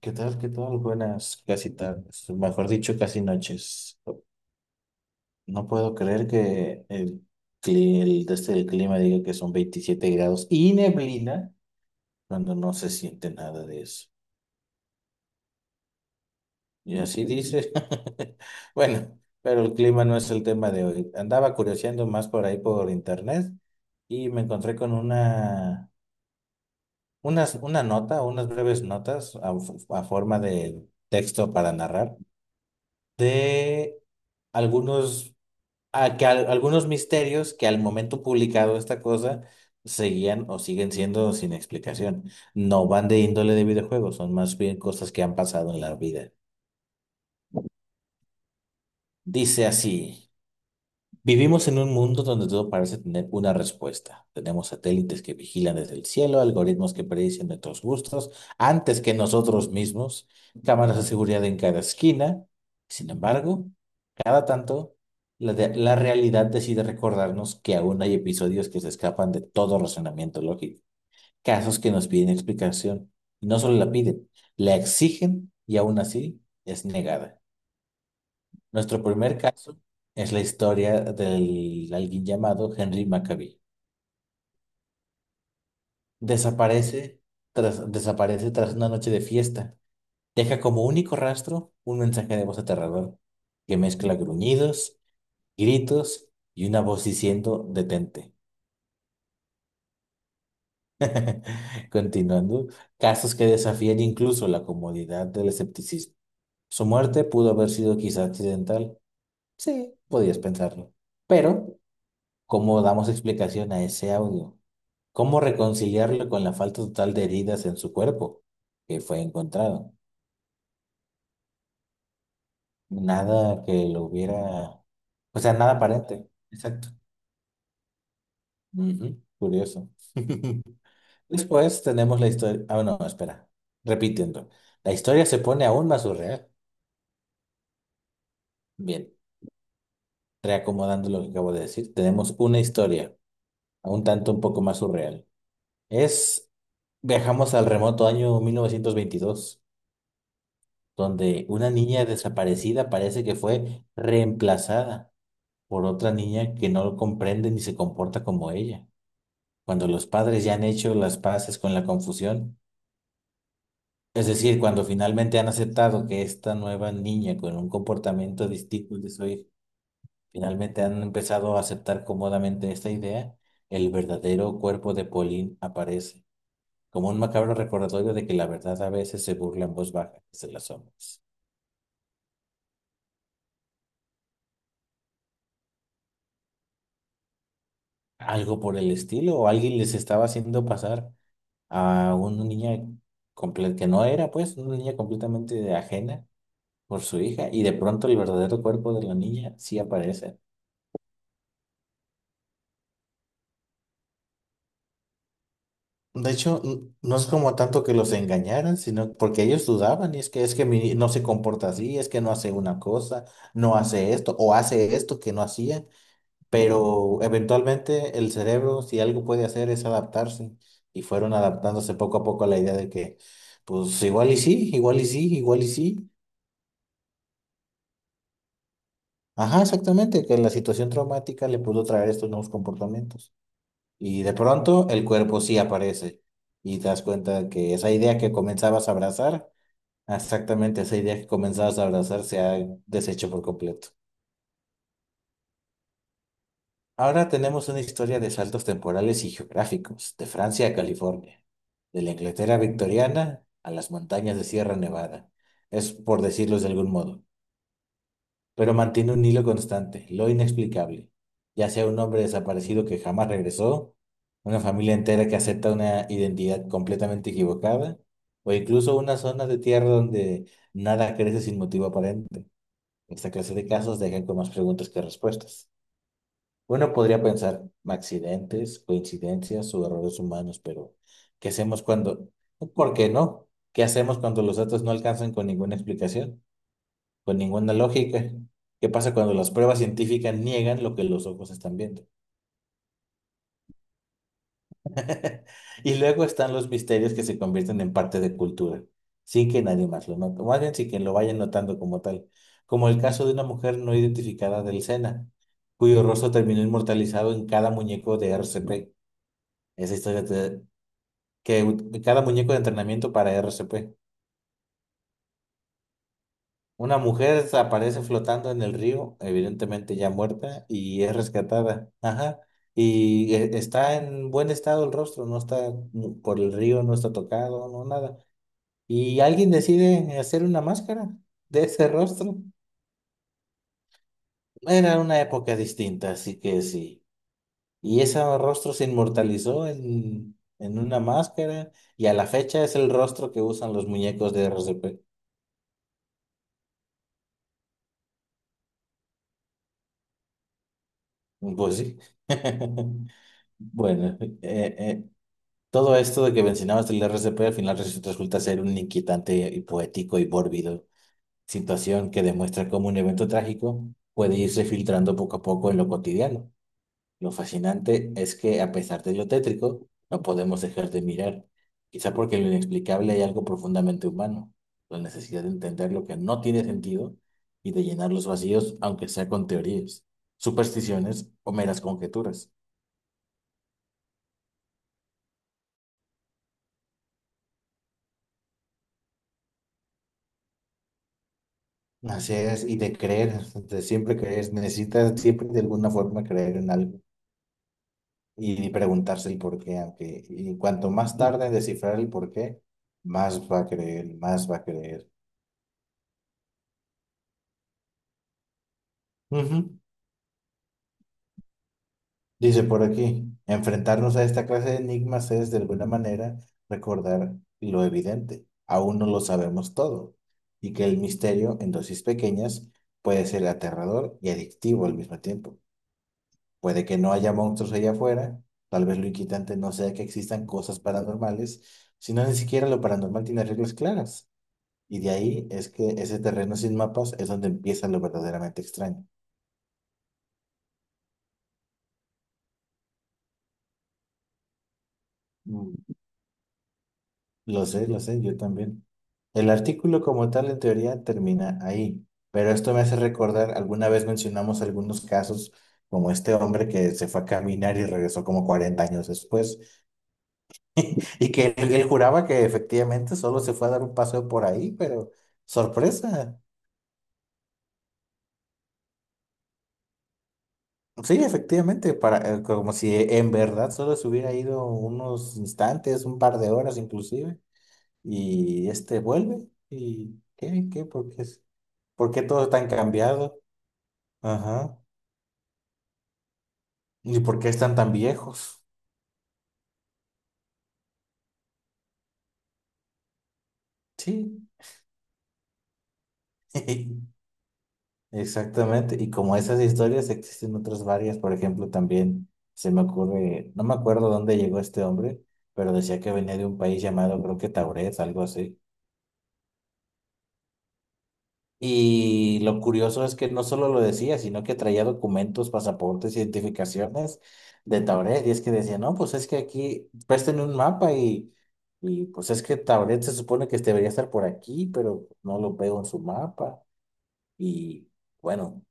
¿Qué tal? ¿Qué tal? Buenas casi tardes, mejor dicho, casi noches. No puedo creer que desde el clima diga que son 27 grados y neblina cuando no se siente nada de eso. Y así dice. Bueno, pero el clima no es el tema de hoy. Andaba curioseando más por ahí por internet y me encontré con unas breves notas a forma de texto para narrar de algunos algunos misterios que al momento publicado esta cosa seguían o siguen siendo sin explicación. No van de índole de videojuegos, son más bien cosas que han pasado en la vida. Dice así, vivimos en un mundo donde todo parece tener una respuesta. Tenemos satélites que vigilan desde el cielo, algoritmos que predicen nuestros gustos antes que nosotros mismos, cámaras de seguridad en cada esquina. Sin embargo, cada tanto, la realidad decide recordarnos que aún hay episodios que se escapan de todo razonamiento lógico, casos que nos piden explicación, y no solo la piden, la exigen y aún así es negada. Nuestro primer caso es la historia del alguien llamado Henry Maccabee. Desaparece desaparece tras una noche de fiesta. Deja como único rastro un mensaje de voz aterrador que mezcla gruñidos, gritos y una voz diciendo detente. Continuando, casos que desafían incluso la comodidad del escepticismo. Su muerte pudo haber sido quizá accidental. Sí, podías pensarlo. Pero, ¿cómo damos explicación a ese audio? ¿Cómo reconciliarlo con la falta total de heridas en su cuerpo que fue encontrado? Nada que lo hubiera... O sea, nada aparente. Exacto. Ujú, curioso. Después tenemos la historia... Ah, no, espera. Repitiendo. La historia se pone aún más surreal. Bien, reacomodando lo que acabo de decir, tenemos una historia, un tanto un poco más surreal. Es, viajamos al remoto año 1922, donde una niña desaparecida parece que fue reemplazada por otra niña que no lo comprende ni se comporta como ella. Cuando los padres ya han hecho las paces con la confusión, es decir, cuando finalmente han aceptado que esta nueva niña con un comportamiento distinto al de su hija. Finalmente han empezado a aceptar cómodamente esta idea, el verdadero cuerpo de Pauline aparece, como un macabro recordatorio de que la verdad a veces se burla en voz baja desde las sombras. Algo por el estilo, o alguien les estaba haciendo pasar a una niña que no era, pues, una niña completamente ajena por su hija, y de pronto el verdadero cuerpo de la niña sí aparece. De hecho, no es como tanto que los engañaran, sino porque ellos dudaban, y no se comporta así, es que no hace una cosa, no hace esto, o hace esto que no hacía, pero eventualmente el cerebro, si algo puede hacer, es adaptarse, y fueron adaptándose poco a poco a la idea de que, pues igual y sí, igual y sí, igual y sí. Ajá, exactamente, que la situación traumática le pudo traer estos nuevos comportamientos. Y de pronto el cuerpo sí aparece, y te das cuenta que esa idea que comenzabas a abrazar, exactamente, esa idea que comenzabas a abrazar se ha deshecho por completo. Ahora tenemos una historia de saltos temporales y geográficos, de Francia a California, de la Inglaterra victoriana a las montañas de Sierra Nevada. Es por decirlo de algún modo, pero mantiene un hilo constante, lo inexplicable, ya sea un hombre desaparecido que jamás regresó, una familia entera que acepta una identidad completamente equivocada, o incluso una zona de tierra donde nada crece sin motivo. Esta clase de casos dejan con más preguntas que respuestas. Uno podría pensar accidentes, coincidencias o errores humanos, pero ¿qué hacemos cuando? ¿Por qué no? ¿Qué hacemos cuando los datos no alcanzan con ninguna explicación, con ninguna lógica? ¿Qué pasa cuando las pruebas científicas niegan lo que los ojos están viendo? Y luego están los misterios que se convierten en parte de cultura, sin que nadie más lo note, o más bien sin que lo vayan notando como tal, como el caso de una mujer no identificada del Sena, cuyo rostro terminó inmortalizado en cada muñeco de RCP. Esa historia cada muñeco de entrenamiento para RCP. Una mujer aparece flotando en el río, evidentemente ya muerta, y es rescatada. Ajá. Y está en buen estado el rostro, no está por el río, no está tocado, no nada. Y alguien decide hacer una máscara de ese rostro. Era una época distinta, así que sí. Y ese rostro se inmortalizó en una máscara y a la fecha es el rostro que usan los muñecos de R C P. Pues sí. Bueno, todo esto de que mencionabas del R C P al final resulta ser un inquietante y poético y mórbido situación que demuestra cómo un evento trágico puede irse filtrando poco a poco en lo cotidiano. Lo fascinante es que, a pesar de lo tétrico, no podemos dejar de mirar, quizá porque en lo inexplicable hay algo profundamente humano, la necesidad de entender lo que no tiene sentido y de llenar los vacíos, aunque sea con teorías, supersticiones o meras conjeturas. Así es, y de creer, de siempre creer, necesitas siempre de alguna forma creer en algo y preguntarse el por qué, aunque y cuanto más tarde en descifrar el por qué, más va a creer, más va a creer. Ujú. Dice por aquí, enfrentarnos a esta clase de enigmas es de alguna manera recordar lo evidente. Aún no lo sabemos todo y que el misterio en dosis pequeñas puede ser aterrador y adictivo al mismo tiempo. Puede que no haya monstruos allá afuera, tal vez lo inquietante no sea que existan cosas paranormales, sino ni siquiera lo paranormal tiene reglas claras. Y de ahí es que ese terreno sin mapas es donde empieza lo verdaderamente extraño. Lo sé, yo también. El artículo como tal en teoría termina ahí, pero esto me hace recordar, alguna vez mencionamos algunos casos como este hombre que se fue a caminar y regresó como 40 años después, y que él juraba que efectivamente solo se fue a dar un paseo por ahí, pero sorpresa. Sí, efectivamente, como si en verdad solo se hubiera ido unos instantes, un par de horas inclusive, y este vuelve, y ¿qué? ¿Qué? Porque es... ¿Por qué todo tan cambiado? Ajá. ¿Y por qué están tan viejos? Sí. Exactamente. Y como esas historias existen otras varias, por ejemplo, también se me ocurre, no me acuerdo dónde llegó este hombre, pero decía que venía de un país llamado, creo que Tauret, algo así. Y lo curioso es que no solo lo decía, sino que traía documentos, pasaportes, identificaciones de Tauret. Y es que decía, no, pues es que aquí, préstenme un mapa y pues es que Tauret se supone que debería estar por aquí, pero no lo veo en su mapa. Y bueno,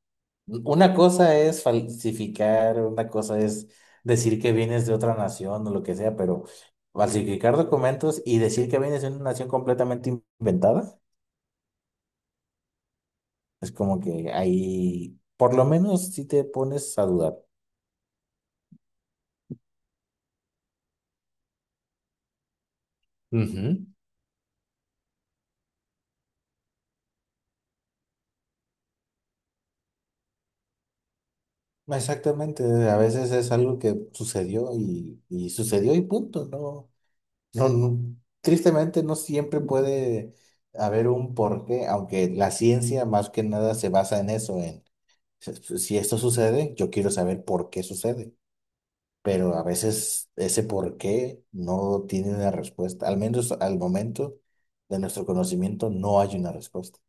una cosa es falsificar, una cosa es decir que vienes de otra nación o lo que sea, pero falsificar documentos y decir que vienes de una nación completamente inventada, es como que ahí, por lo menos, si te pones a dudar. Ujú. Exactamente, a veces es algo que sucedió y sucedió y punto, ¿no? No, no, tristemente no siempre puede haber un porqué, aunque la ciencia más que nada se basa en eso. Si si esto sucede, yo quiero saber por qué sucede, pero a veces ese por qué no tiene una respuesta, al menos al momento de nuestro conocimiento no hay una respuesta.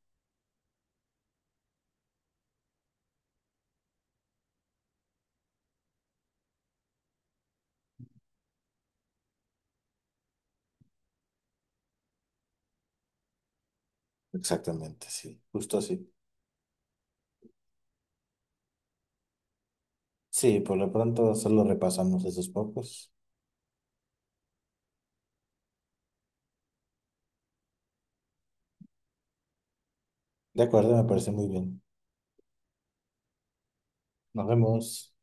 Exactamente, sí, justo así. Sí, por lo pronto solo repasamos esos pocos. De acuerdo, me parece muy bien. Nos vemos.